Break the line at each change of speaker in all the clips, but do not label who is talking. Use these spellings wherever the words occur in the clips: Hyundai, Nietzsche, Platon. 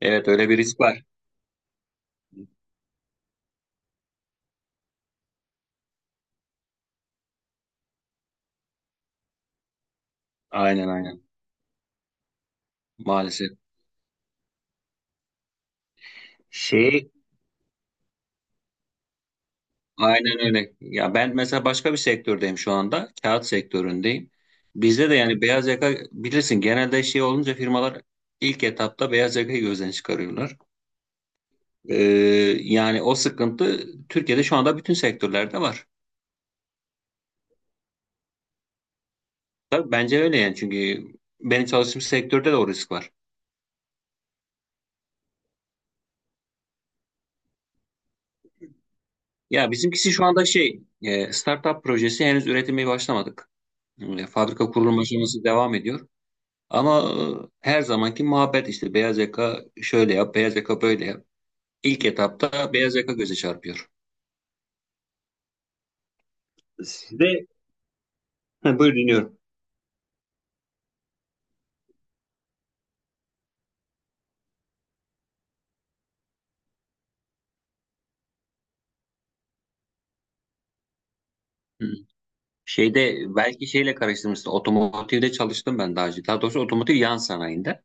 Evet, öyle bir risk var. Aynen, aynen. Maalesef. Şey aynen öyle. Ya ben mesela başka bir sektördeyim şu anda. Kağıt sektöründeyim. Bizde de yani beyaz yaka bilirsin genelde şey olunca firmalar ilk etapta beyaz yakayı gözden çıkarıyorlar. Ee, Yani o sıkıntı Türkiye'de şu anda bütün sektörlerde var. Tabii bence öyle yani, çünkü benim çalıştığım sektörde de o risk var. Ya bizimkisi şu anda startup projesi, henüz üretime başlamadık. Fabrika kurulum aşaması devam ediyor. Ama her zamanki muhabbet işte, beyaz yaka şöyle yap, beyaz yaka böyle yap. İlk etapta beyaz yaka göze çarpıyor. Sizde ha, buyur, dinliyorum. Hı. Şeyde belki şeyle karıştırmışsın. Otomotivde çalıştım ben daha önce. Daha doğrusu otomotiv yan sanayinde.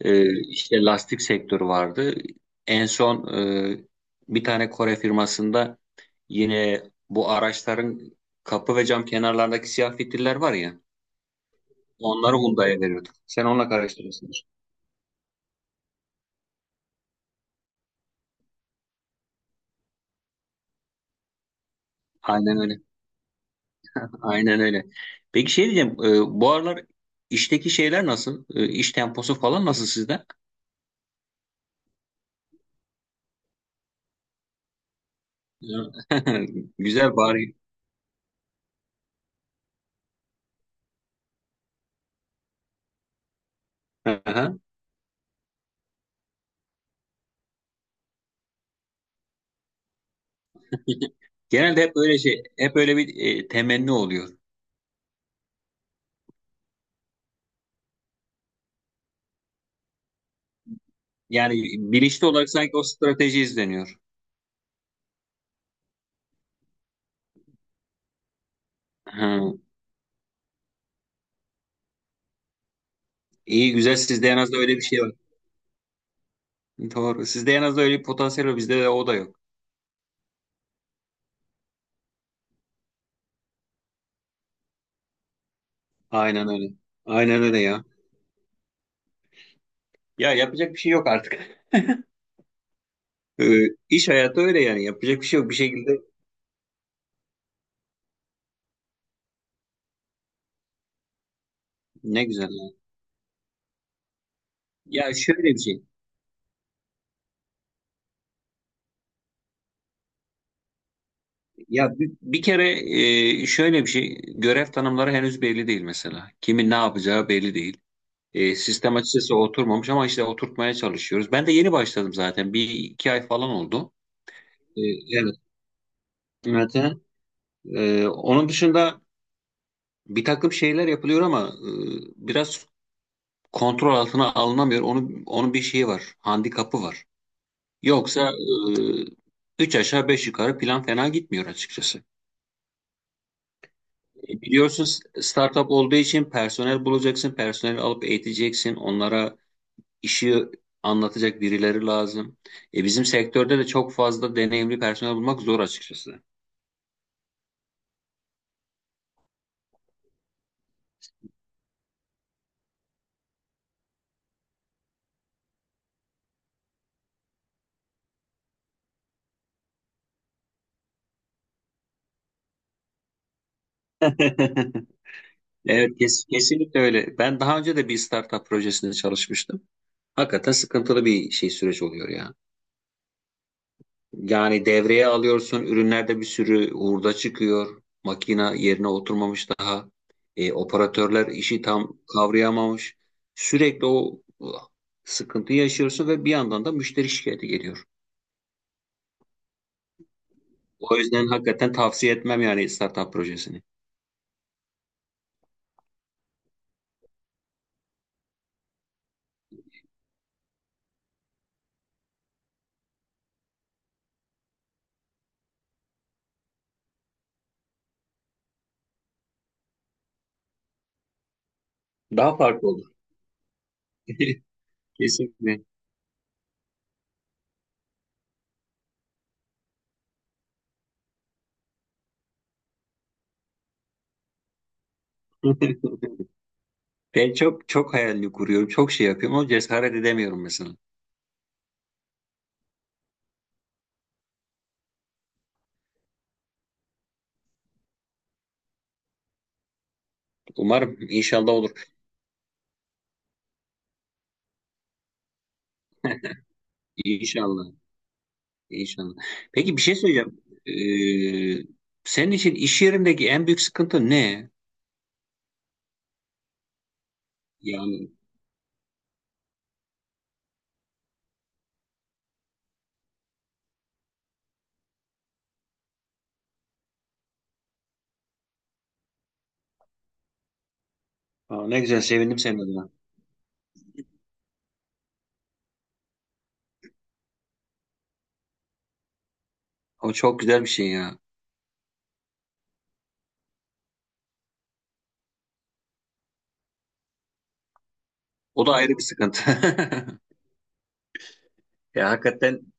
İşte lastik sektörü vardı. En son e, bir tane Kore firmasında, yine bu araçların kapı ve cam kenarlarındaki siyah fitiller var ya. Onları Hyundai'ye veriyorduk. Sen onunla karıştırıyorsun. Aynen öyle. Aynen öyle. Peki şey diyeceğim, bu aralar işteki şeyler nasıl? İş temposu falan nasıl sizde? Ya. Güzel bari. Aha. Genelde hep böyle şey, hep öyle bir temenni oluyor. Yani bilinçli olarak sanki o strateji izleniyor. Ha. İyi, güzel, sizde en az da öyle bir şey var. Doğru. Sizde en az da öyle bir potansiyel var. Bizde de o da yok. Aynen öyle. Aynen öyle ya. Ya yapacak bir şey yok artık. E, iş hayatı öyle yani. Yapacak bir şey yok. Bir şekilde Ne güzel. Ya şöyle bir şey. Ya bir kere şöyle bir şey, görev tanımları henüz belli değil mesela. Kimin ne yapacağı belli değil. Sistem açıkçası oturmamış, ama işte oturtmaya çalışıyoruz. Ben de yeni başladım zaten, bir iki ay falan oldu. E, evet. Evet. Onun dışında bir takım şeyler yapılıyor ama biraz kontrol altına alınamıyor. Onun bir şeyi var, handikapı var. Yoksa e, üç aşağı beş yukarı plan fena gitmiyor açıkçası. Biliyorsun, startup olduğu için personel bulacaksın, personeli alıp eğiteceksin, onlara işi anlatacak birileri lazım. E bizim sektörde de çok fazla deneyimli personel bulmak zor açıkçası. Evet, kesinlikle öyle. Ben daha önce de bir startup projesinde çalışmıştım. Hakikaten sıkıntılı bir şey, süreç oluyor ya. Yani devreye alıyorsun, ürünlerde bir sürü hurda çıkıyor. Makina yerine oturmamış daha. Operatörler işi tam kavrayamamış. Sürekli o sıkıntıyı yaşıyorsun ve bir yandan da müşteri şikayeti geliyor. O yüzden hakikaten tavsiye etmem yani startup projesini. Daha farklı olur. Kesinlikle. Ben çok çok hayalini kuruyorum, çok şey yapıyorum ama cesaret edemiyorum mesela. Umarım inşallah olur. İnşallah. İnşallah. Peki bir şey söyleyeceğim. Ee, Senin için iş yerindeki en büyük sıkıntı ne? Yani Aa, ne güzel, sevindim senin adına. O çok güzel bir şey ya. O da ayrı bir sıkıntı. Ya hakikaten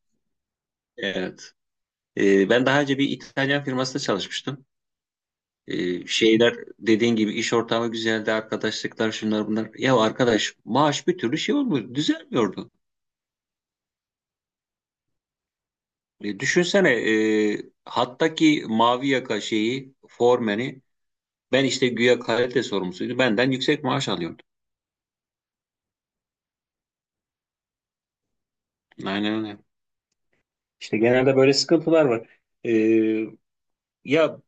evet. Ben daha önce bir İtalyan firmasında çalışmıştım. Şeyler dediğin gibi iş ortamı güzeldi, arkadaşlıklar şunlar bunlar. Ya arkadaş, maaş bir türlü şey olmuyor, düzelmiyordu. Düşünsene, hattaki mavi yaka şeyi, formeni. Ben işte güya kalite sorumlusuydu. Benden yüksek maaş alıyordu. Aynen öyle. İşte genelde böyle sıkıntılar var. Ee, Ya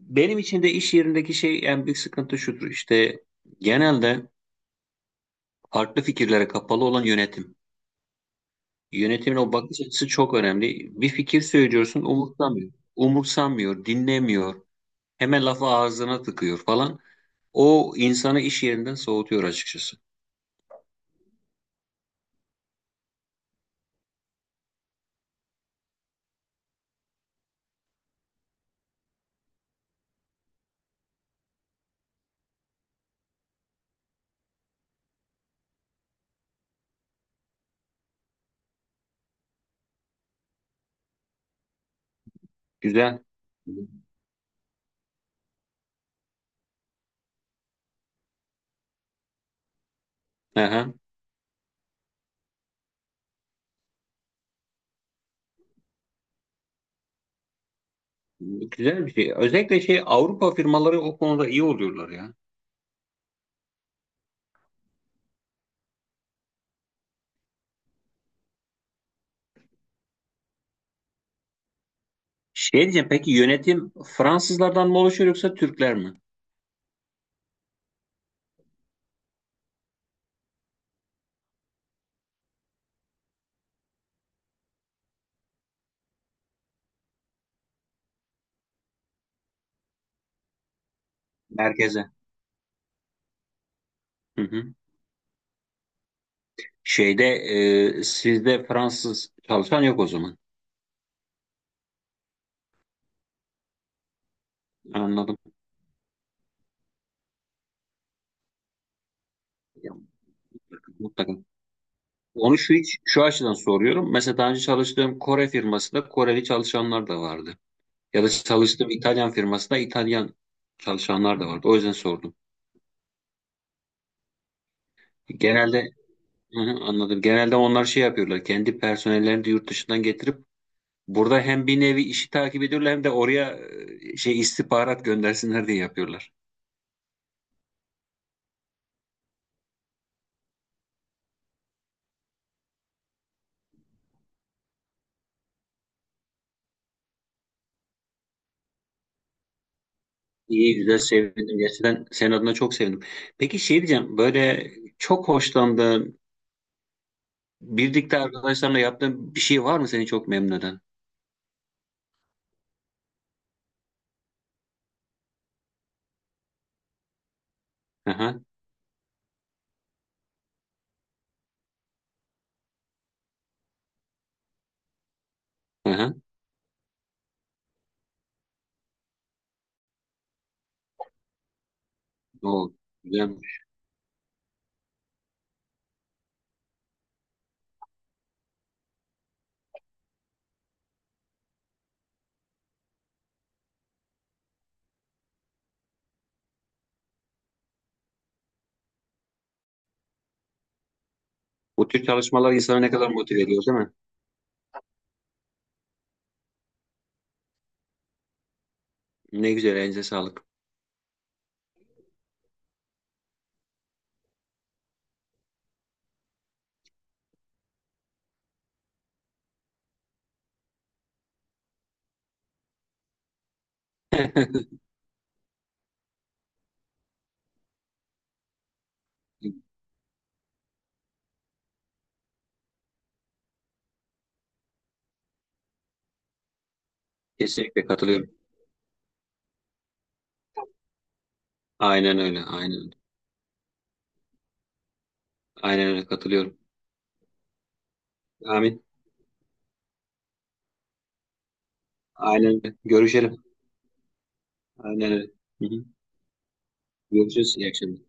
benim için de iş yerindeki şey en büyük sıkıntı şudur. İşte genelde farklı fikirlere kapalı olan yönetim. Yönetimin o bakış açısı çok önemli. Bir fikir söylüyorsun, umursamıyor. Umursamıyor, dinlemiyor. Hemen lafı ağzına tıkıyor falan. O insanı iş yerinden soğutuyor açıkçası. Güzel. Aha. Güzel bir şey. Özellikle şey, Avrupa firmaları o konuda iyi oluyorlar ya. Şey diyeceğim, peki yönetim Fransızlardan mı oluşuyor yoksa Türkler mi? Merkeze. Hı hı. Şeyde sizde Fransız çalışan yok o zaman. Anladım. Ya, mutlaka. Onu şu hiç şu açıdan soruyorum. Mesela daha önce çalıştığım Kore firmasında Koreli çalışanlar da vardı. Ya da çalıştığım İtalyan firmasında İtalyan çalışanlar da vardı. O yüzden sordum. Genelde Hı hı, anladım. Genelde onlar şey yapıyorlar. Kendi personellerini de yurt dışından getirip burada hem bir nevi işi takip ediyorlar, hem de oraya şey istihbarat göndersinler diye yapıyorlar. İyi, güzel, sevindim. Gerçekten senin adına çok sevindim. Peki şey diyeceğim, böyle çok hoşlandığın, birlikte arkadaşlarla yaptığın bir şey var mı seni çok memnun eden? Aha, aha. O, güzel. Bu tür çalışmalar insanı ne kadar motive ediyor, değil mi? Ne güzel, elinize sağlık. Kesinlikle katılıyorum. Aynen öyle. Aynen öyle. Aynen öyle, katılıyorum. Amin. Aynen öyle. Görüşelim. Aynen öyle. Hı hı. Görüşürüz. İyi akşamlar.